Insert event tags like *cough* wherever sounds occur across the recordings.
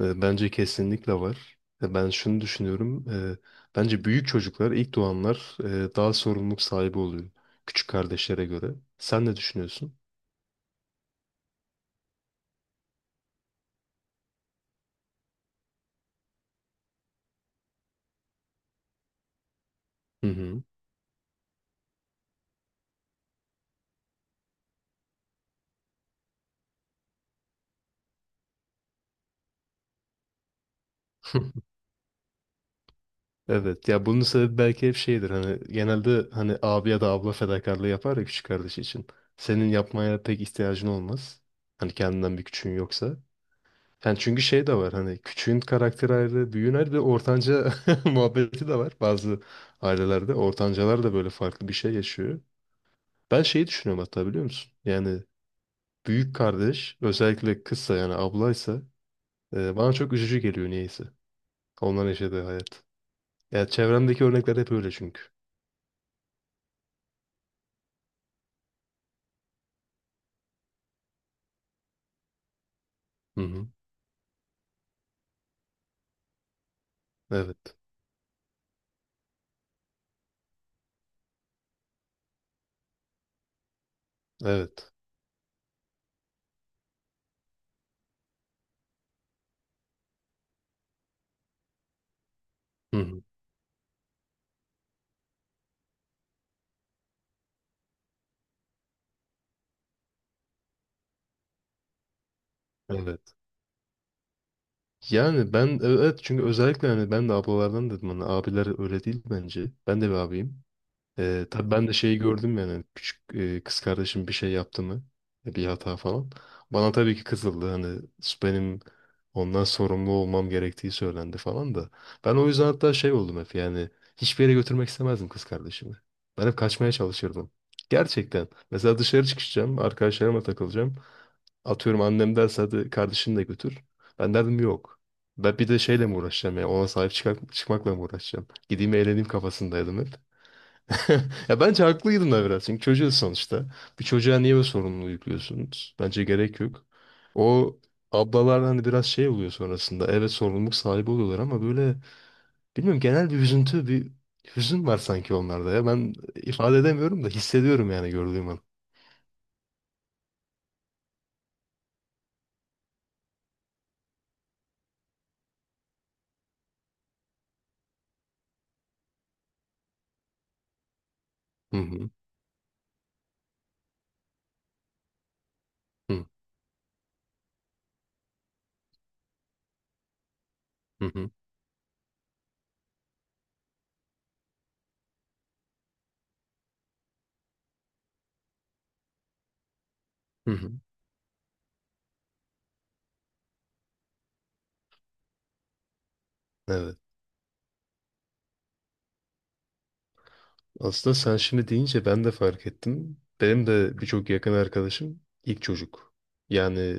Bence kesinlikle var. Ben şunu düşünüyorum. Bence büyük çocuklar, ilk doğanlar daha sorumluluk sahibi oluyor. Küçük kardeşlere göre. Sen ne düşünüyorsun? Hı hı. *laughs* Evet. Ya bunun sebebi belki hep şeydir. Hani genelde hani abi ya da abla fedakarlığı yapar ya küçük kardeş için. Senin yapmaya pek ihtiyacın olmaz. Hani kendinden bir küçüğün yoksa. Yani çünkü şey de var hani küçüğün karakteri ayrı, büyüğün ayrı ve ortanca *laughs* muhabbeti de var. Bazı ailelerde ortancalar da böyle farklı bir şey yaşıyor. Ben şeyi düşünüyorum hatta biliyor musun? Yani büyük kardeş özellikle kızsa yani ablaysa bana çok üzücü geliyor niyeyse. Onların yaşadığı hayat. Ya çevremdeki örnekler hep öyle çünkü. Hı hı. Evet. Evet. Hı hı. Evet. Yani ben evet çünkü özellikle hani ben de ablalardan dedim hani abiler öyle değil bence. Ben de bir abiyim. Tabii ben de şeyi gördüm yani küçük kız kardeşim bir şey yaptı mı bir hata falan. Bana tabii ki kızıldı hani benim ondan sorumlu olmam gerektiği söylendi falan da. Ben o yüzden hatta şey oldum hep yani hiçbir yere götürmek istemezdim kız kardeşimi. Ben hep kaçmaya çalışırdım. Gerçekten. Mesela dışarı çıkacağım, arkadaşlarıma takılacağım. Atıyorum annem derse hadi kardeşini de götür. Ben derdim yok. Ben bir de şeyle mi uğraşacağım ya ona sahip çıkmakla mı uğraşacağım? Gideyim eğleneyim kafasındaydım hep. *laughs* Ya bence haklıydın da biraz. Çünkü çocuğuz sonuçta. Bir çocuğa niye bu sorumluluğu yüklüyorsunuz? Bence gerek yok. O ablalar hani biraz şey oluyor sonrasında. Evet sorumluluk sahibi oluyorlar ama böyle bilmiyorum genel bir üzüntü, bir hüzün var sanki onlarda ya. Ben ifade edemiyorum da hissediyorum yani gördüğüm an. Hı hı. Hı hı. Hı hı. Hı. Evet. Aslında sen şimdi deyince ben de fark ettim. Benim de birçok yakın arkadaşım ilk çocuk. Yani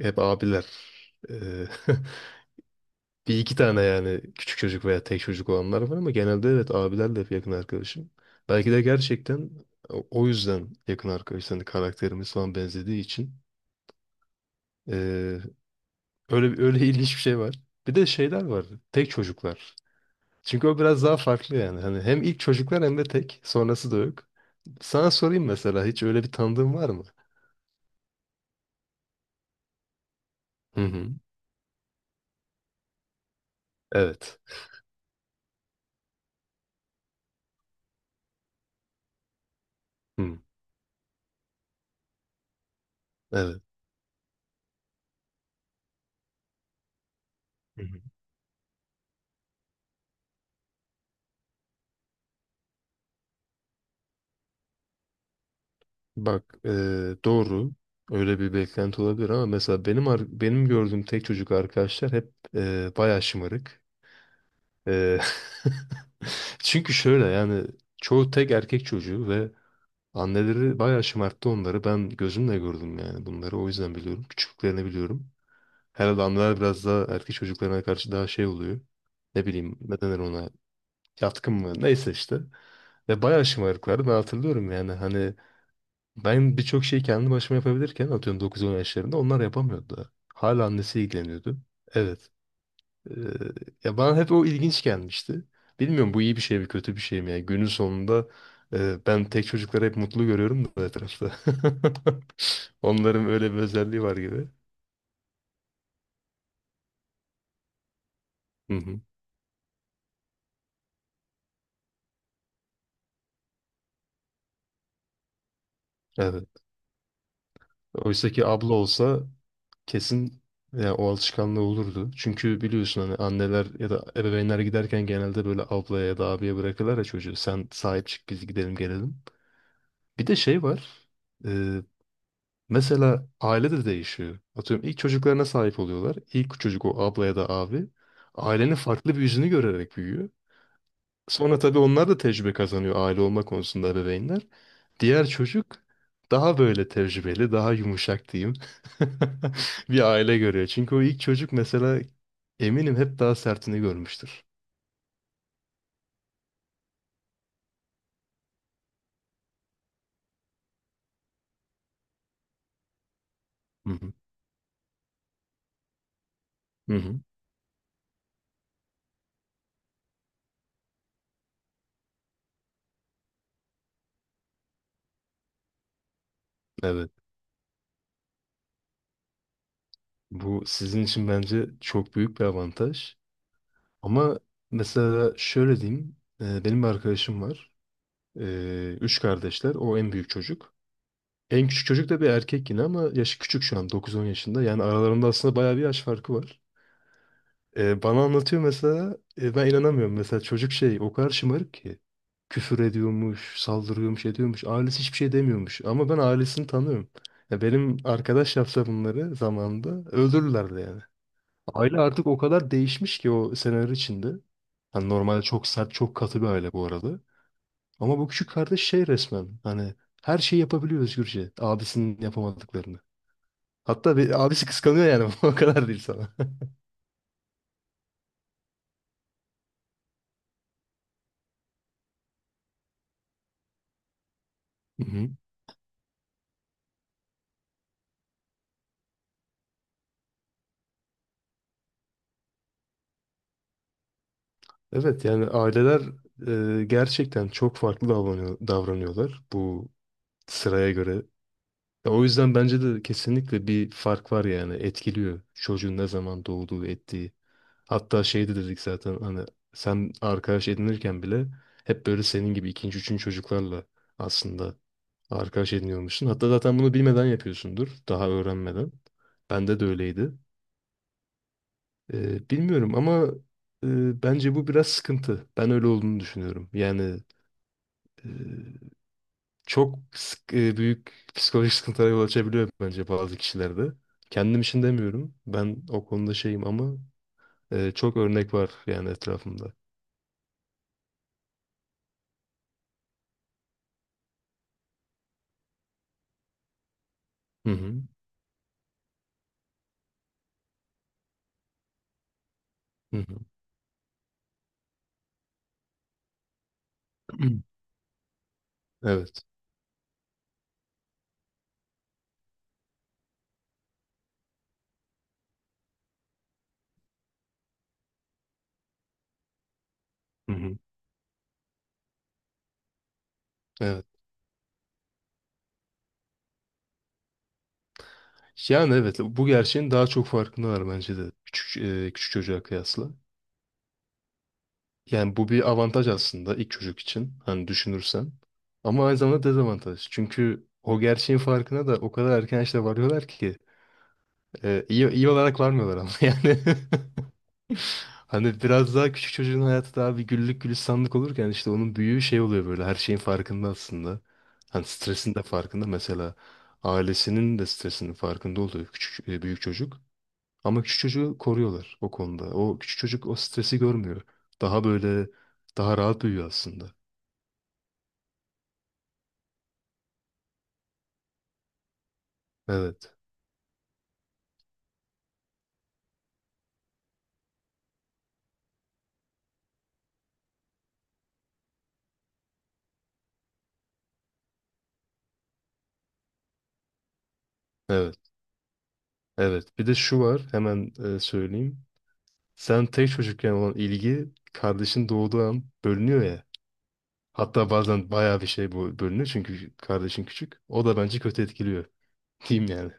hep abiler. Ee, *laughs* Bir iki tane yani küçük çocuk veya tek çocuk olanlar var ama genelde evet abilerle hep yakın arkadaşım. Belki de gerçekten o yüzden yakın arkadaş. Hani karakterimiz falan benzediği için. Ee, öyle öyle *laughs* ilginç bir şey var. Bir de şeyler var. Tek çocuklar. Çünkü o biraz daha farklı yani. Hani hem ilk çocuklar hem de tek. Sonrası da yok. Sana sorayım mesela hiç öyle bir tanıdığın var mı? Hı hı. Evet. Hı. Evet. Bak doğru öyle bir beklenti olabilir ama mesela benim benim gördüğüm tek çocuk arkadaşlar hep bayağı şımarık. Eee, *laughs* çünkü şöyle yani çoğu tek erkek çocuğu ve anneleri bayağı şımarttı onları. Ben gözümle gördüm yani bunları o yüzden biliyorum. Küçüklüklerini biliyorum. Herhalde anneler biraz daha erkek çocuklarına karşı daha şey oluyor. Ne bileyim ne denir ona yatkın mı neyse işte. Ve bayağı şımarıklardı ben hatırlıyorum yani hani ben birçok şeyi kendi başıma yapabilirken atıyorum 9-10 yaşlarında onlar yapamıyordu daha. Hala annesi ilgileniyordu. Evet. Ee, ya bana hep o ilginç gelmişti. Bilmiyorum bu iyi bir şey mi kötü bir şey mi? Yani günün sonunda ben tek çocukları hep mutlu görüyorum da etrafta. *laughs* Onların öyle bir özelliği var gibi. Hı hı. Evet. Oysa ki abla olsa kesin ya o alışkanlığı olurdu. Çünkü biliyorsun hani anneler ya da ebeveynler giderken genelde böyle ablaya ya da abiye bırakırlar ya çocuğu. Sen sahip çık biz gidelim gelelim. Bir de şey var. e, mesela aile de değişiyor. Atıyorum ilk çocuklarına sahip oluyorlar. İlk çocuk o abla ya da abi ailenin farklı bir yüzünü görerek büyüyor. Sonra tabii onlar da tecrübe kazanıyor aile olma konusunda ebeveynler. Diğer çocuk daha böyle tecrübeli, daha yumuşak diyeyim. *laughs* Bir aile görüyor. Çünkü o ilk çocuk mesela eminim hep daha sertini görmüştür. Hı hı. Hı hı. Evet. Bu sizin için bence çok büyük bir avantaj. Ama mesela şöyle diyeyim. Benim bir arkadaşım var. Üç kardeşler. O en büyük çocuk. En küçük çocuk da bir erkek yine ama yaşı küçük şu an 9-10 yaşında. Yani aralarında aslında bayağı bir yaş farkı var. Bana anlatıyor mesela ben inanamıyorum. Mesela çocuk şey o kadar şımarık ki küfür ediyormuş, saldırıyormuş, ediyormuş. Ailesi hiçbir şey demiyormuş ama ben ailesini tanıyorum. Ya benim arkadaş yapsa bunları zamanında öldürürlerdi yani. Aile artık o kadar değişmiş ki o seneler içinde. Hani normalde çok sert, çok katı bir aile bu arada. Ama bu küçük kardeş şey resmen hani her şeyi yapabiliyor özgürce. Abisinin yapamadıklarını. Hatta bir, abisi kıskanıyor yani *laughs* o kadar değil sana. *laughs* Evet yani aileler gerçekten çok farklı davranıyorlar bu sıraya göre. Ya o yüzden bence de kesinlikle bir fark var yani etkiliyor çocuğun ne zaman doğduğu ettiği. Hatta şey de dedik zaten hani sen arkadaş edinirken bile hep böyle senin gibi ikinci üçüncü çocuklarla aslında arkadaş ediniyormuşsun. Hatta zaten bunu bilmeden yapıyorsundur daha öğrenmeden. Bende de öyleydi. Bilmiyorum ama bence bu biraz sıkıntı. Ben öyle olduğunu düşünüyorum. Yani Ee, büyük psikolojik sıkıntılara yol açabiliyor bence bazı kişilerde. Kendim için demiyorum. Ben o konuda şeyim ama çok örnek var yani etrafımda. Hı hı. Hı hı. *clears throat* Evet. Hı hı. Evet. Yani evet bu gerçeğin daha çok farkındalar bence de küçük çocuğa kıyasla. Yani bu bir avantaj aslında ilk çocuk için hani düşünürsen. Ama aynı zamanda dezavantaj. Çünkü o gerçeğin farkına da o kadar erken işte varıyorlar ki iyi olarak varmıyorlar ama *laughs* yani. Hani biraz daha küçük çocuğun hayatı daha bir güllük gülistanlık olurken işte onun büyüğü şey oluyor böyle her şeyin farkında aslında. Hani stresin de farkında mesela ailesinin de stresinin farkında oluyor büyük çocuk. Ama küçük çocuğu koruyorlar o konuda. O küçük çocuk o stresi görmüyor. Daha böyle daha rahat büyüyor aslında. Evet. Evet. Evet. Bir de şu var. Hemen söyleyeyim. Sen tek çocukken olan ilgi kardeşin doğduğu an bölünüyor ya. Hatta bazen bayağı bir şey bu bölünüyor çünkü kardeşin küçük. O da bence kötü etkiliyor. *laughs* Diyeyim yani.